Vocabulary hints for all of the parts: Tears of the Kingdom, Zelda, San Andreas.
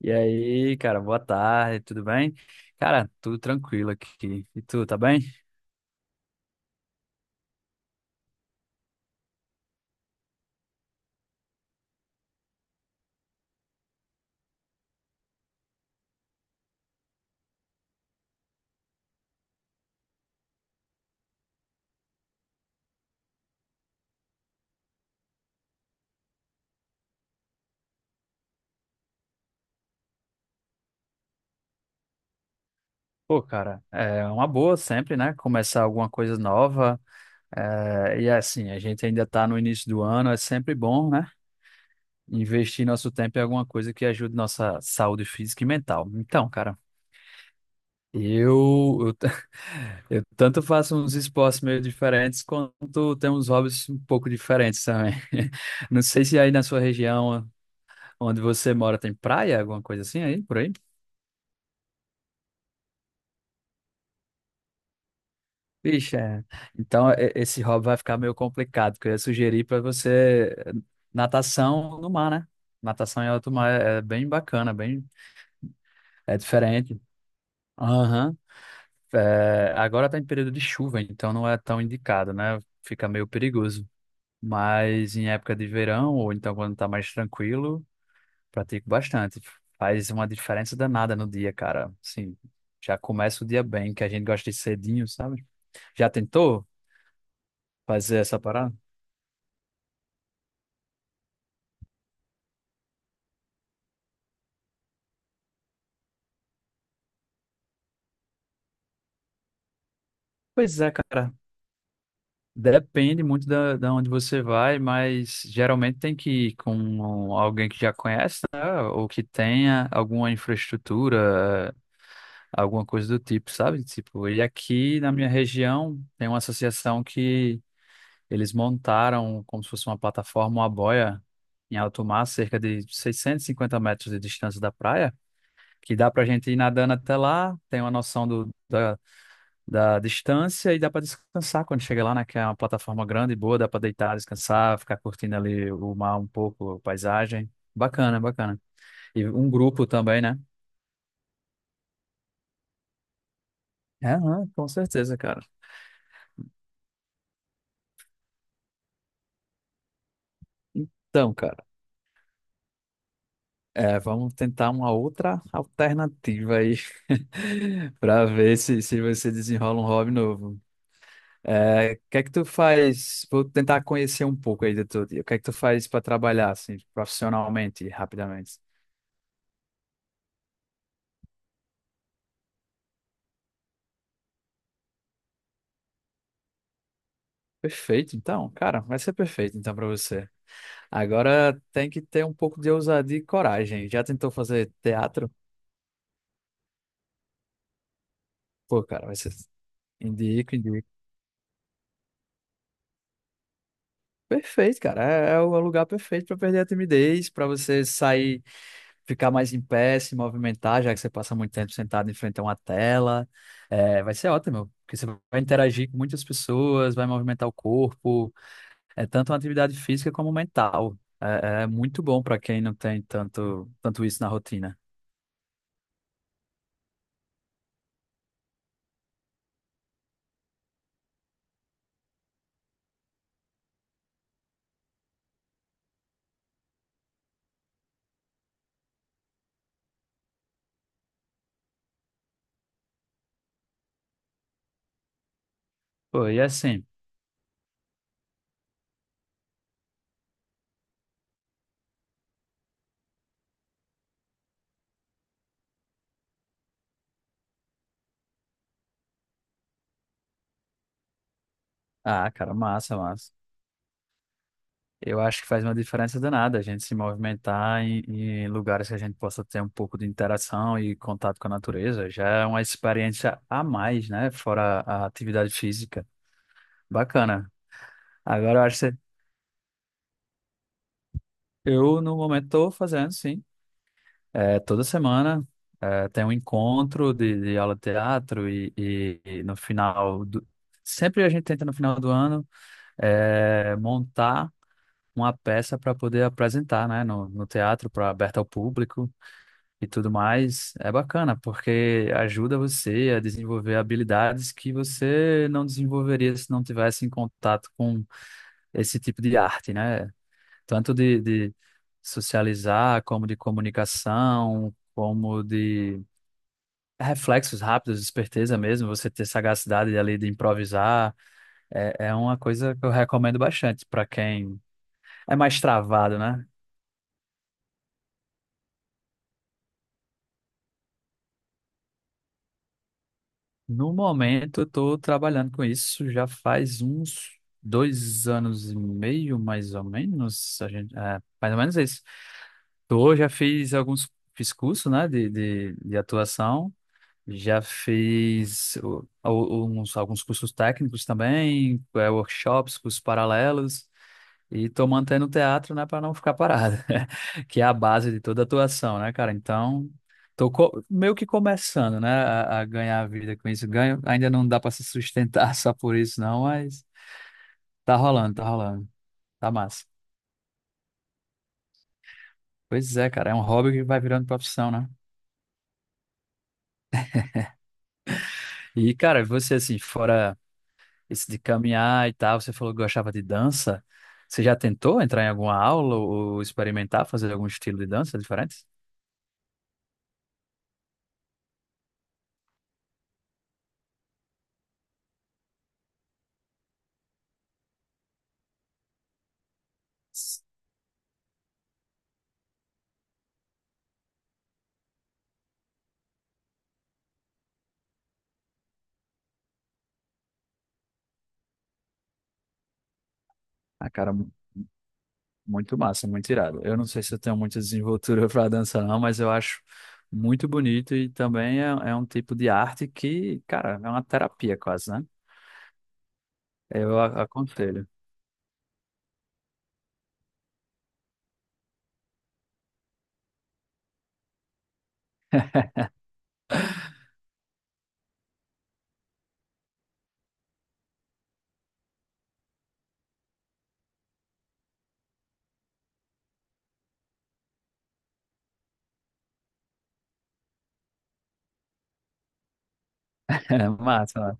E aí, cara, boa tarde, tudo bem? Cara, tudo tranquilo aqui. E tu, tá bem? Pô, cara, é uma boa sempre, né? Começar alguma coisa nova. É, e assim, a gente ainda tá no início do ano, é sempre bom, né? Investir nosso tempo em alguma coisa que ajude nossa saúde física e mental. Então, cara, eu, eu, t- eu tanto faço uns esportes meio diferentes, quanto tenho uns hobbies um pouco diferentes também. Não sei se aí na sua região. Onde você mora tem praia, alguma coisa assim aí, por aí? Vixe, é. Então esse hobby vai ficar meio complicado, porque eu ia sugerir para você natação no mar, né? Natação em alto mar é bem bacana, bem é diferente. Aham. É, agora tá em período de chuva, então não é tão indicado, né? Fica meio perigoso. Mas em época de verão, ou então quando tá mais tranquilo, pratico bastante. Faz uma diferença danada no dia, cara. Sim, já começa o dia bem, que a gente gosta de cedinho, sabe? Já tentou fazer essa parada? Pois é, cara. Depende muito da onde você vai, mas geralmente tem que ir com alguém que já conhece, né? Ou que tenha alguma infraestrutura, alguma coisa do tipo, sabe? Tipo, e aqui na minha região tem uma associação que eles montaram como se fosse uma plataforma, uma boia em alto mar, cerca de 650 metros de distância da praia, que dá pra gente ir nadando até lá, tem uma noção do, da da distância e dá para descansar quando chega lá, né? Que é uma plataforma grande e boa, dá para deitar, descansar, ficar curtindo ali o mar um pouco, a paisagem. Bacana, bacana. E um grupo também, né? É aham, com certeza, cara. Então, cara, é, vamos tentar uma outra alternativa aí para ver se você desenrola um hobby novo. É, o que é que tu faz? Vou tentar conhecer um pouco aí do teu dia. O que é que tu faz para trabalhar assim, profissionalmente, rapidamente? Perfeito, então, cara, vai ser perfeito então para você. Agora tem que ter um pouco de ousadia e coragem. Já tentou fazer teatro? Pô, cara, vai ser indico, indico. Perfeito, cara. É, é o lugar perfeito para perder a timidez, para você sair, ficar mais em pé, se movimentar, já que você passa muito tempo sentado em frente a uma tela. É, vai ser ótimo, porque você vai interagir com muitas pessoas, vai movimentar o corpo. É tanto uma atividade física como mental. É, é muito bom para quem não tem tanto isso na rotina. Pô, e assim, ah, cara, massa, massa. Eu acho que faz uma diferença danada a gente se movimentar em lugares que a gente possa ter um pouco de interação e contato com a natureza. Já é uma experiência a mais, né? Fora a atividade física. Bacana. Agora eu acho que eu, no momento, estou fazendo, sim. É, toda semana é, tem um encontro de aula de teatro e no final do... Sempre a gente tenta, no final do ano, é, montar uma peça para poder apresentar, né, no teatro, para aberta ao público e tudo mais. É bacana, porque ajuda você a desenvolver habilidades que você não desenvolveria se não tivesse em contato com esse tipo de arte, né? Tanto de socializar, como de comunicação, como de reflexos rápidos, esperteza mesmo, você ter sagacidade ali de improvisar. É, é uma coisa que eu recomendo bastante para quem é mais travado, né? No momento, eu tô trabalhando com isso já faz uns 2 anos e meio, mais ou menos. A gente, é, mais ou menos isso. Eu já fiz alguns, fiz curso, né, de atuação. Já fiz uns, alguns cursos técnicos também, é, workshops, cursos paralelos. E tô mantendo o teatro, né, para não ficar parado, que é a base de toda atuação, né, cara? Então, meio que começando, né, a ganhar a vida com isso. Ganho, ainda não dá para se sustentar só por isso, não, mas tá rolando, tá rolando, tá massa. Pois é, cara, é um hobby que vai virando profissão, né? E, cara, você, assim, fora esse de caminhar e tal, você falou que gostava de dança, você já tentou entrar em alguma aula ou experimentar fazer algum estilo de dança diferente? Ah, cara, muito massa, muito irado. Eu não sei se eu tenho muita desenvoltura para dança, não, mas eu acho muito bonito e também é um tipo de arte que, cara, é uma terapia quase, né? Eu aconselho. É massa, né?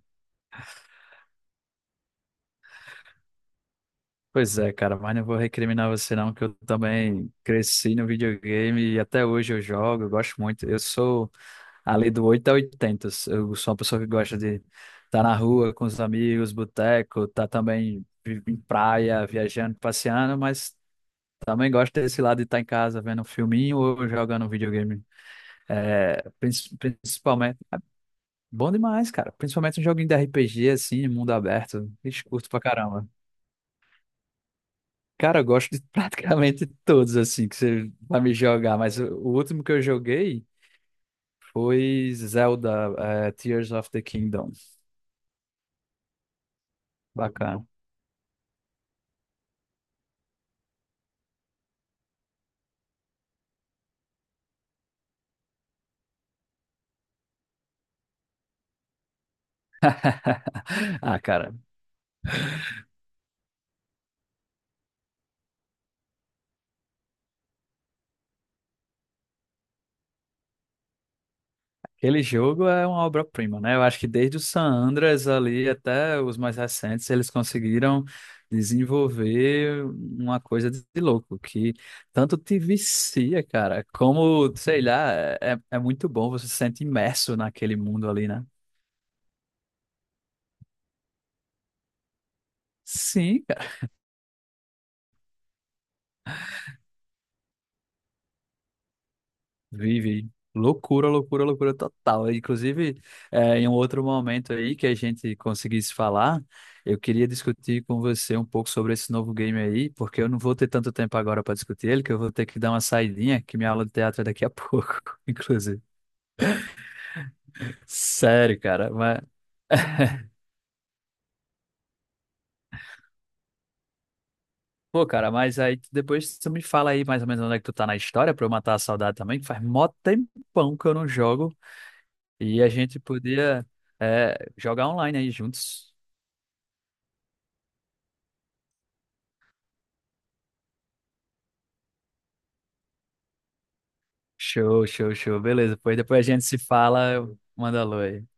Pois é, cara, mas não vou recriminar você, não, que eu também cresci no videogame e até hoje eu jogo, eu gosto muito. Eu sou ali do 8 a 80. Eu sou uma pessoa que gosta de estar na rua com os amigos, boteco, tá também em praia, viajando, passeando, mas. Também gosto desse lado de estar em casa vendo um filminho ou jogando um videogame. É, principalmente. Bom demais, cara. Principalmente um joguinho de RPG, assim, mundo aberto. Ixi, curto pra caramba. Cara, eu gosto de praticamente todos, assim, que você vai me jogar. Mas o último que eu joguei foi Zelda, é, Tears of the Kingdom. Bacana. Ah, cara. Aquele jogo é uma obra-prima, né? Eu acho que desde o San Andreas ali até os mais recentes, eles conseguiram desenvolver uma coisa de louco, que tanto te vicia, cara, como, sei lá, é muito bom, você se sente imerso naquele mundo ali, né? Sim, vive. Loucura, loucura, loucura total. Inclusive, em um outro momento aí que a gente conseguisse falar, eu queria discutir com você um pouco sobre esse novo game aí, porque eu não vou ter tanto tempo agora para discutir ele, que eu vou ter que dar uma saidinha, que minha aula de teatro é daqui a pouco, inclusive. Sério, cara, mas... Pô, cara, mas aí depois tu me fala aí mais ou menos onde é que tu tá na história pra eu matar a saudade também, que faz mó tempão que eu não jogo e a gente podia, jogar online aí juntos. Show, show, show. Beleza, pois depois a gente se fala, eu mando alô aí.